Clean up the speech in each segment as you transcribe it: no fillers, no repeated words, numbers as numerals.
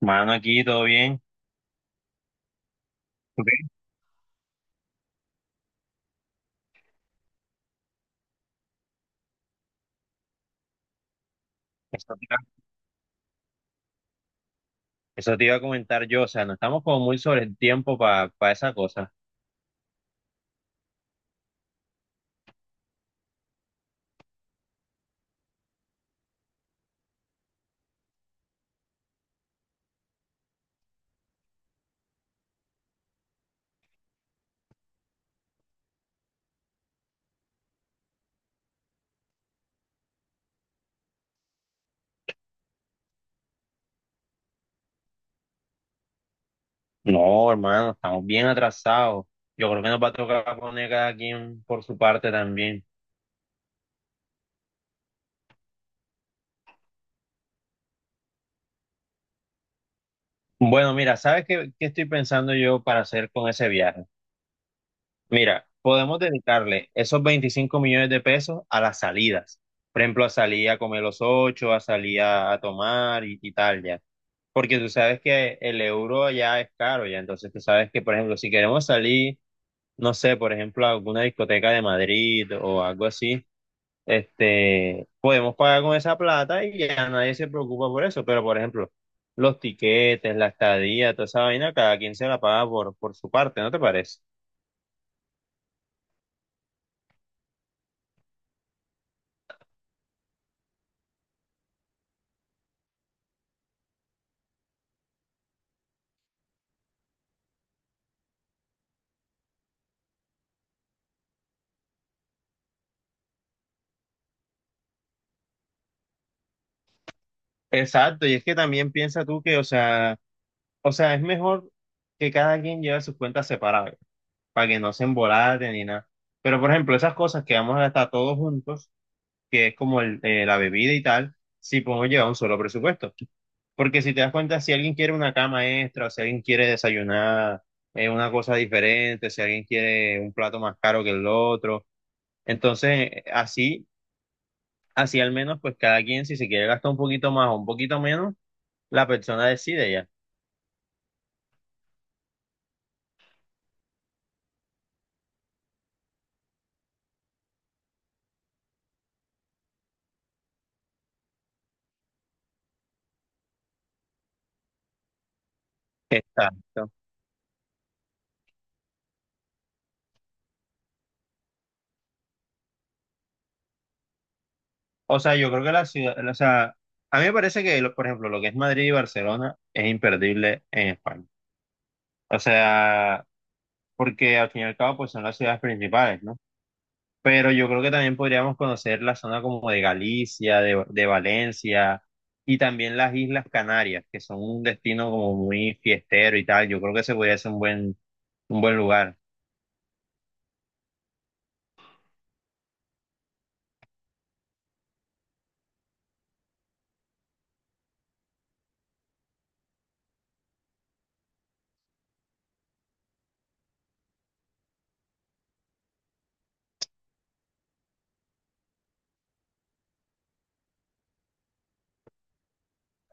Mano, aquí todo bien. Ok. Eso te iba, eso te iba a comentar yo, o sea, no estamos como muy sobre el tiempo para esa cosa. No, hermano, estamos bien atrasados. Yo creo que nos va a tocar poner cada quien por su parte también. Bueno, mira, ¿sabes qué estoy pensando yo para hacer con ese viaje? Mira, podemos dedicarle esos 25 millones de pesos a las salidas. Por ejemplo, a salir a comer los ocho, a salir a tomar y tal, ya. Porque tú sabes que el euro ya es caro, ya. Entonces tú sabes que, por ejemplo, si queremos salir, no sé, por ejemplo, a alguna discoteca de Madrid o algo así, este, podemos pagar con esa plata y ya nadie se preocupa por eso. Pero, por ejemplo, los tiquetes, la estadía, toda esa vaina, cada quien se la paga por su parte, ¿no te parece? Exacto, y es que también piensa tú que, o sea, es mejor que cada quien lleve sus cuentas separadas, para que no se embolaten ni nada. Pero, por ejemplo, esas cosas que vamos a gastar todos juntos, que es como el, la bebida y tal, sí podemos llevar un solo presupuesto. Porque si te das cuenta, si alguien quiere una cama extra, o si alguien quiere desayunar una cosa diferente, si alguien quiere un plato más caro que el otro, entonces, así, así al menos, pues cada quien, si se quiere gastar un poquito más o un poquito menos, la persona decide ya. Exacto. O sea, yo creo que la ciudad, o sea, a mí me parece que, por ejemplo, lo que es Madrid y Barcelona es imperdible en España. O sea, porque al fin y al cabo, pues son las ciudades principales, ¿no? Pero yo creo que también podríamos conocer la zona como de Galicia, de Valencia y también las Islas Canarias, que son un destino como muy fiestero y tal. Yo creo que ese podría ser un un buen lugar.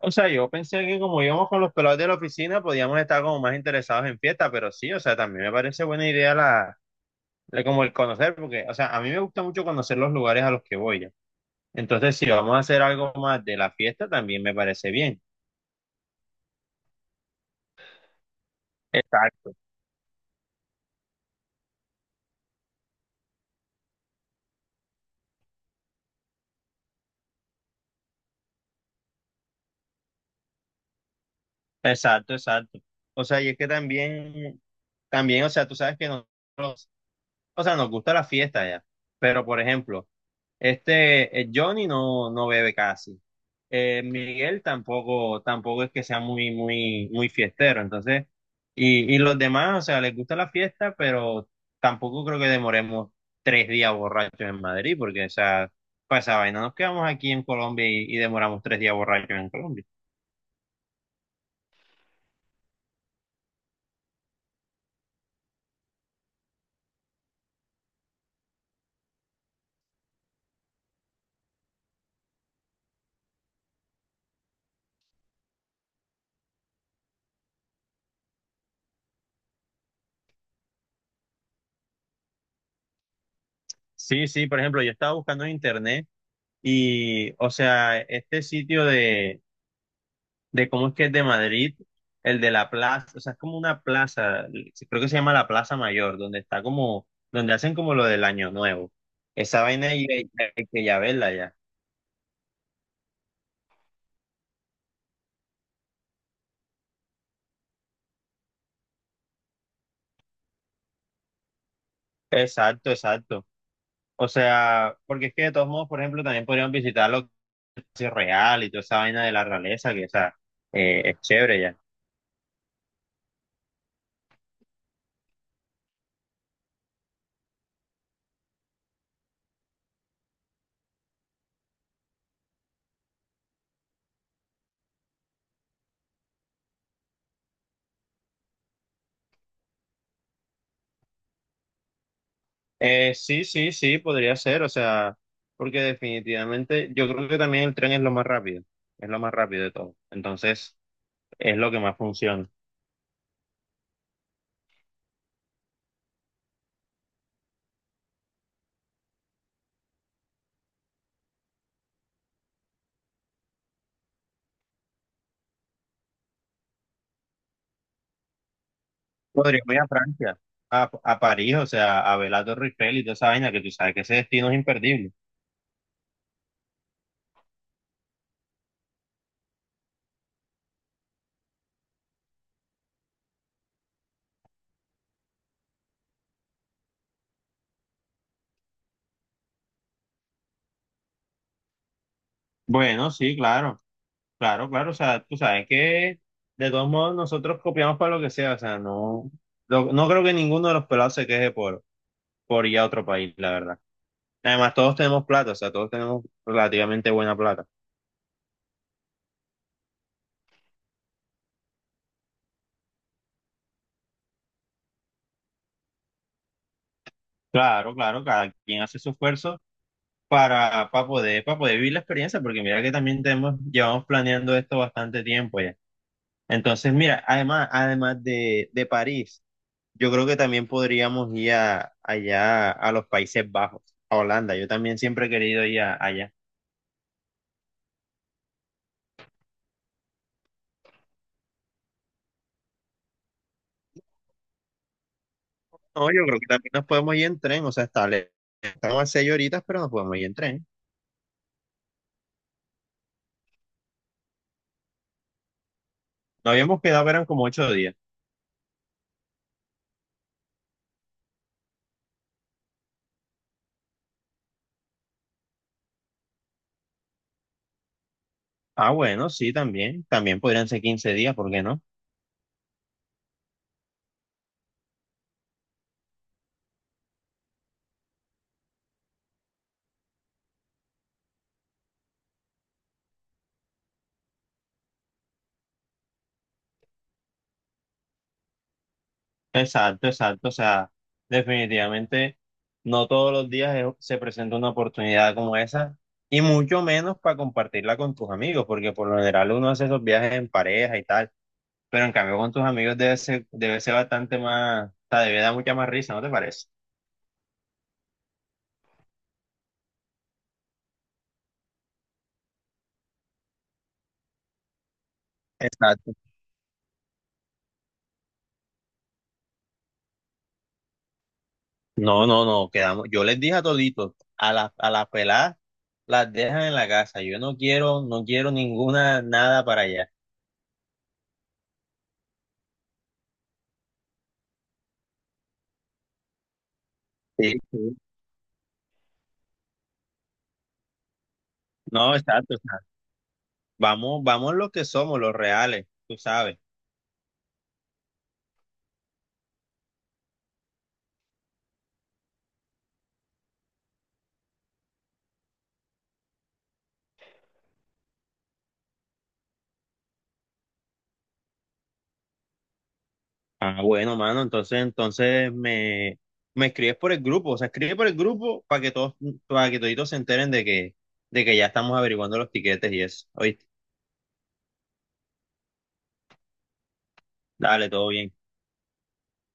O sea, yo pensé que como íbamos con los pelados de la oficina, podíamos estar como más interesados en fiesta, pero sí, o sea, también me parece buena idea como el conocer, porque, o sea, a mí me gusta mucho conocer los lugares a los que voy ya. Entonces, si vamos a hacer algo más de la fiesta, también me parece bien. Exacto. Exacto. O sea, y es que también, o sea, tú sabes que nos, o sea, nos gusta la fiesta ya, pero por ejemplo, este, Johnny no bebe casi. Miguel tampoco es que sea muy, muy, muy fiestero. Entonces, y los demás, o sea, les gusta la fiesta, pero tampoco creo que demoremos 3 días borrachos en Madrid, porque, o sea, para esa vaina, nos quedamos aquí en Colombia y demoramos 3 días borrachos en Colombia. Sí, sí, por ejemplo, yo estaba buscando en internet y, o sea, este sitio de cómo es que es de Madrid, el de la plaza, o sea, es como una plaza, creo que se llama la Plaza Mayor, donde está como, donde hacen como lo del Año Nuevo. Esa vaina hay que ya verla ya. Exacto. O sea, porque es que de todos modos, por ejemplo, también podríamos visitar lo que es real y toda esa vaina de la realeza, que o sea, es chévere ya. Sí, sí, sí, podría ser, o sea, porque definitivamente yo creo que también el tren es lo más rápido, es lo más rápido de todo. Entonces, es lo que más funciona. Podríamos ir a Francia, a París, o sea, a ver la Torre Eiffel y toda esa vaina, que tú sabes que ese destino es imperdible. Bueno, sí, claro, o sea, tú sabes que de todos modos nosotros copiamos para lo que sea, o sea, no, no creo que ninguno de los pelados se queje por ir a otro país, la verdad. Además, todos tenemos plata, o sea, todos tenemos relativamente buena plata. Claro, cada quien hace su esfuerzo para poder vivir la experiencia, porque mira que también tenemos, llevamos planeando esto bastante tiempo ya. Entonces, mira, además, además de París, yo creo que también podríamos ir allá a los Países Bajos, a Holanda. Yo también siempre he querido ir allá. No, yo creo que también nos podemos ir en tren, o sea, estamos a 6 horitas, pero nos podemos ir en tren. No habíamos quedado, que eran como 8 días. Ah, bueno, sí, también. También podrían ser 15 días, ¿por qué no? Exacto. O sea, definitivamente no todos los días se presenta una oportunidad como esa y mucho menos para compartirla con tus amigos, porque por lo general uno hace esos viajes en pareja y tal, pero en cambio con tus amigos debe ser bastante más, o sea, debe dar mucha más risa, ¿no te parece? Exacto. No, quedamos. Yo les dije a toditos, a las peladas las dejan en la casa. Yo no quiero, no quiero ninguna nada para allá. Sí, sí. No, exacto. Vamos, vamos los que somos, los reales, tú sabes. Ah, bueno, mano, entonces, entonces me escribes por el grupo, o sea, escribe por el grupo para que todos, para que toditos se enteren de que ya estamos averiguando los tiquetes y eso. Oíste, dale, todo bien.